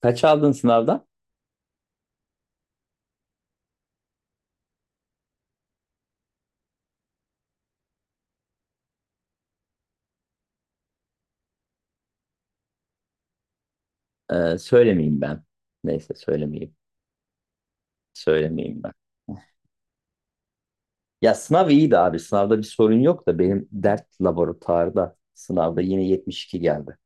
Kaç aldın sınavdan? Söylemeyeyim ben. Neyse söylemeyeyim. Söylemeyeyim ben. Ya sınav iyiydi abi. Sınavda bir sorun yok da benim dert laboratuvarda sınavda yine 72 geldi.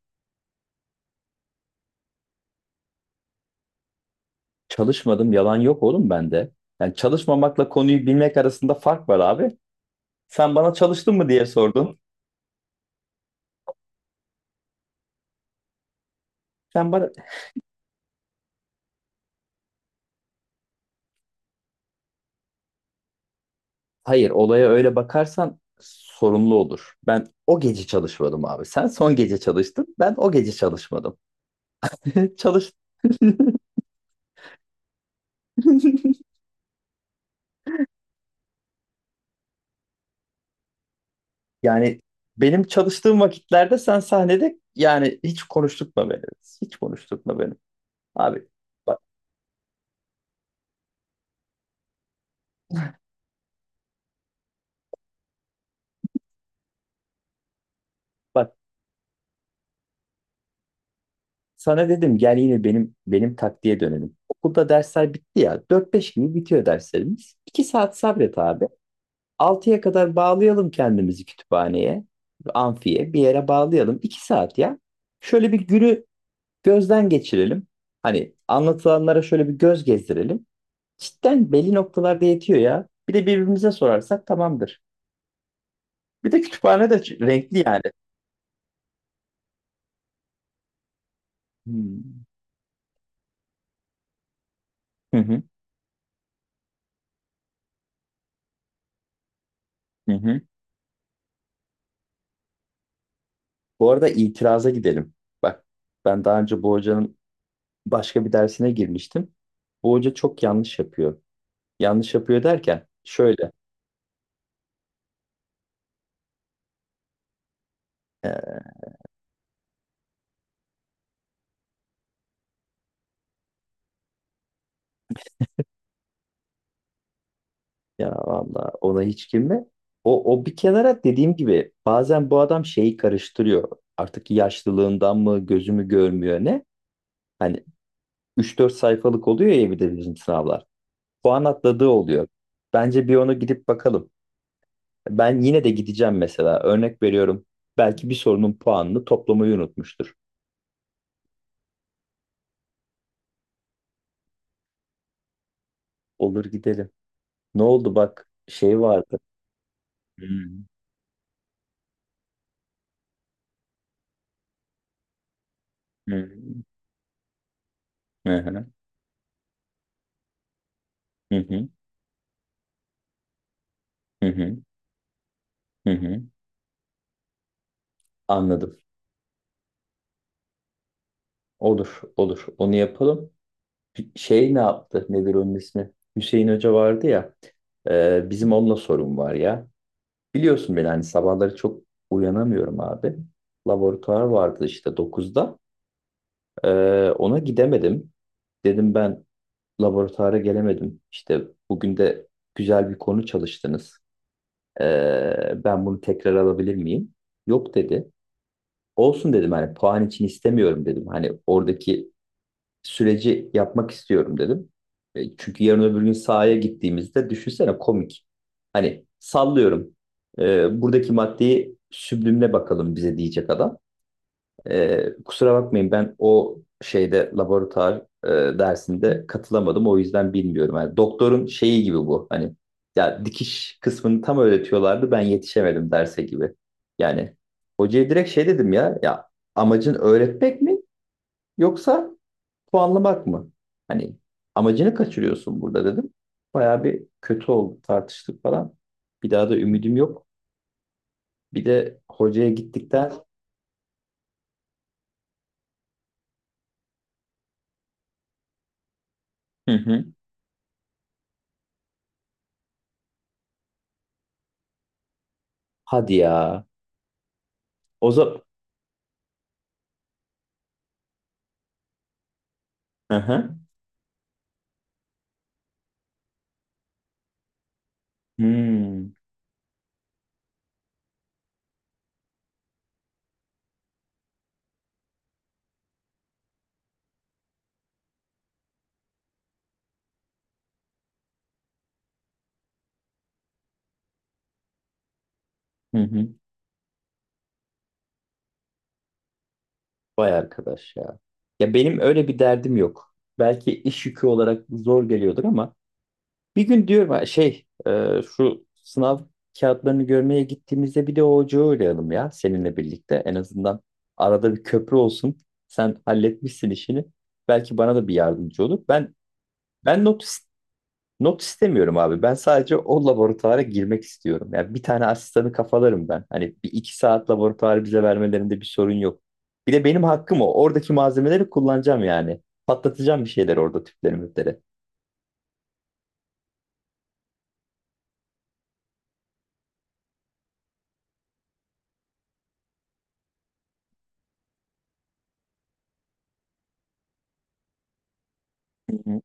Çalışmadım, yalan yok oğlum bende. Yani çalışmamakla konuyu bilmek arasında fark var abi. Sen bana çalıştın mı diye sordun. Sen bana Hayır, olaya öyle bakarsan sorumlu olur. Ben o gece çalışmadım abi. Sen son gece çalıştın. Ben o gece çalışmadım. Çalış. Yani benim çalıştığım vakitlerde sen sahnede, yani hiç konuşturtma beni. Hiç konuşturtma beni. Abi bak bak, sana dedim, gel yine benim taktiğe dönelim. Okulda dersler bitti ya. 4-5 gibi bitiyor derslerimiz. 2 saat sabret abi. 6'ya kadar bağlayalım kendimizi kütüphaneye, amfiye bir yere bağlayalım. 2 saat ya. Şöyle bir günü gözden geçirelim. Hani anlatılanlara şöyle bir göz gezdirelim. Cidden belli noktalarda yetiyor ya. Bir de birbirimize sorarsak tamamdır. Bir de kütüphane de renkli yani. Hmm. Hı hı, hı hı. Bu arada itiraza gidelim. Bak, ben daha önce bu hocanın başka bir dersine girmiştim. Bu hoca çok yanlış yapıyor. Yanlış yapıyor derken şöyle. e, Ya valla, ona hiç girme. O bir kenara, dediğim gibi bazen bu adam şeyi karıştırıyor. Artık yaşlılığından mı gözümü görmüyor, ne? Hani 3-4 sayfalık oluyor ya bir de bizim sınavlar. Puan atladığı oluyor. Bence bir onu gidip bakalım. Ben yine de gideceğim mesela. Örnek veriyorum. Belki bir sorunun puanını toplamayı unutmuştur. Olur, gidelim. Ne oldu, bak şey vardı. Hı hı, hı hı, hı hı, hı hı. Hı hı. Anladım. Olur olur. Onu yapalım. Bir şey ne yaptı? Nedir onun ismi? Hüseyin Hoca vardı ya. Bizim onunla sorun var ya. Biliyorsun beni, hani sabahları çok uyanamıyorum abi. Laboratuvar vardı işte 9'da. Ona gidemedim. Dedim, ben laboratuvara gelemedim. İşte bugün de güzel bir konu çalıştınız. Ben bunu tekrar alabilir miyim? Yok dedi. Olsun dedim, hani puan için istemiyorum dedim. Hani oradaki süreci yapmak istiyorum dedim. Çünkü yarın öbür gün sahaya gittiğimizde, düşünsene, komik. Hani sallıyorum. Buradaki maddeyi süblimle bakalım bize diyecek adam. Kusura bakmayın, ben o şeyde laboratuvar dersinde katılamadım. O yüzden bilmiyorum. Yani doktorun şeyi gibi bu. Hani ya dikiş kısmını tam öğretiyorlardı. Ben yetişemedim derse gibi. Yani hocaya direkt şey dedim ya. Ya amacın öğretmek mi yoksa puanlamak mı? Hani amacını kaçırıyorsun burada dedim. Bayağı bir kötü oldu, tartıştık falan. Bir daha da ümidim yok. Bir de hocaya gittikten... Hı hı. Hadi ya. O zaman... Hmm. Hı hı. Vay arkadaş ya. Ya benim öyle bir derdim yok. Belki iş yükü olarak zor geliyordur ama bir gün diyorum, ha, şu sınav kağıtlarını görmeye gittiğimizde bir de o ocağı uğrayalım ya seninle birlikte. En azından arada bir köprü olsun. Sen halletmişsin işini. Belki bana da bir yardımcı olur. Ben ben not Not istemiyorum abi. Ben sadece o laboratuvara girmek istiyorum. Yani bir tane asistanı kafalarım ben. Hani bir iki saat laboratuvarı bize vermelerinde bir sorun yok. Bir de benim hakkım o. Oradaki malzemeleri kullanacağım yani. Patlatacağım bir şeyler orada, tüpleri müpleri. Hı hı.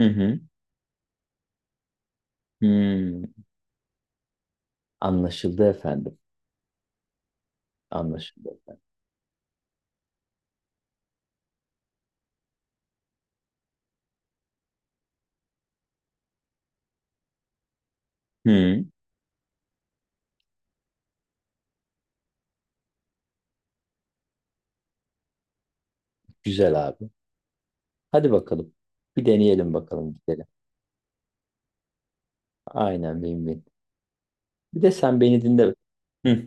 Hı hı. Hmm. Anlaşıldı efendim. Anlaşıldı efendim. Hı. Güzel abi. Hadi bakalım. Bir deneyelim bakalım, gidelim. Aynen. Benim. Bir de sen beni dinle. Hı.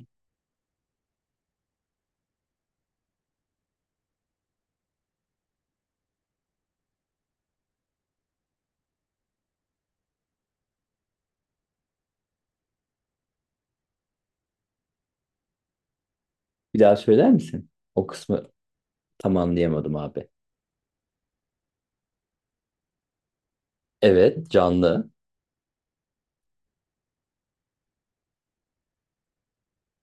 Bir daha söyler misin? O kısmı tam anlayamadım abi. Evet, canlı.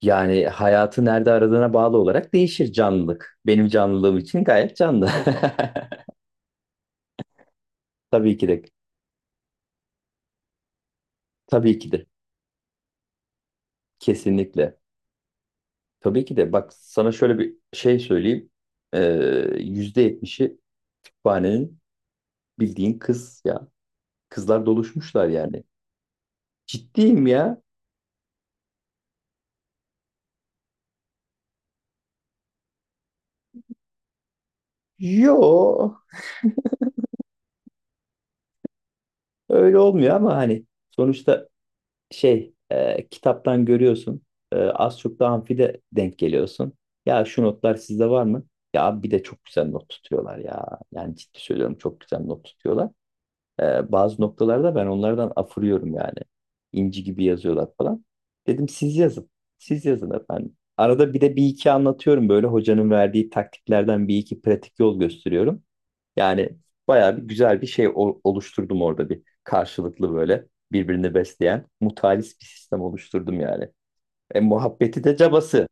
Yani hayatı nerede aradığına bağlı olarak değişir canlılık. Benim canlılığım için gayet canlı. Tabii ki de. Tabii ki de. Kesinlikle. Tabii ki de. Bak sana şöyle bir şey söyleyeyim. Ee, %70'i kütüphanenin bildiğin kız ya. Kızlar doluşmuşlar yani. Ciddiyim ya. Yo, öyle olmuyor ama hani sonuçta kitaptan görüyorsun. Az çok da amfide denk geliyorsun. Ya şu notlar sizde var mı? Ya abi, bir de çok güzel not tutuyorlar ya. Yani ciddi söylüyorum, çok güzel not tutuyorlar. Bazı noktalarda ben onlardan afırıyorum yani. İnci gibi yazıyorlar falan. Dedim siz yazın. Siz yazın efendim. Arada bir de bir iki anlatıyorum böyle, hocanın verdiği taktiklerden bir iki pratik yol gösteriyorum. Yani bayağı bir güzel bir şey oluşturdum orada, bir karşılıklı böyle birbirini besleyen mutualist bir sistem oluşturdum yani. Muhabbeti de cabası.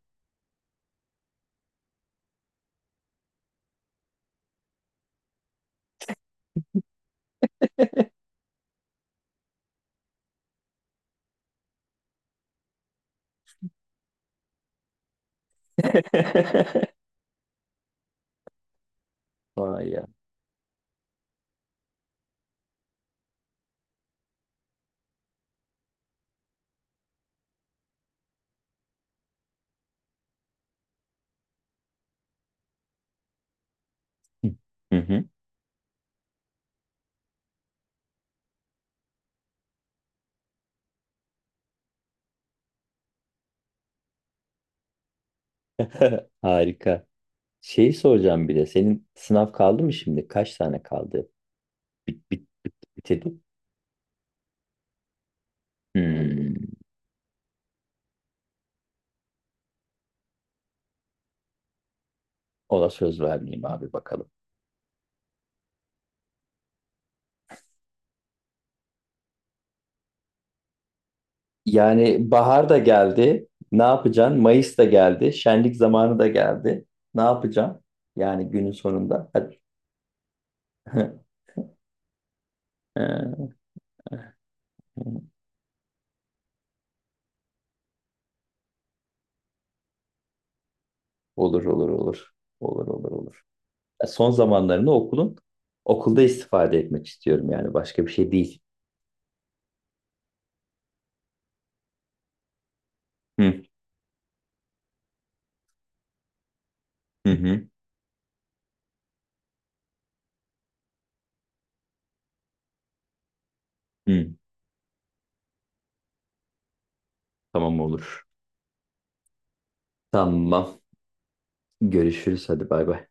Vay ya. Hı hı. Harika. Şeyi soracağım bir de. Senin sınav kaldı mı şimdi? Kaç tane kaldı? Bitirdi. Hmm. Ona söz vermeyeyim abi, bakalım. Yani bahar da geldi. Ne yapacaksın? Mayıs da geldi. Şenlik zamanı da geldi. Ne yapacaksın? Yani günün sonunda. Hadi. Ee, Olur olur olur. Olur olur olur. Son zamanlarını okulda istifade etmek istiyorum, yani başka bir şey değil. Hı hı hı. Hı. Tamam olur. Tamam. Görüşürüz, hadi bay bay.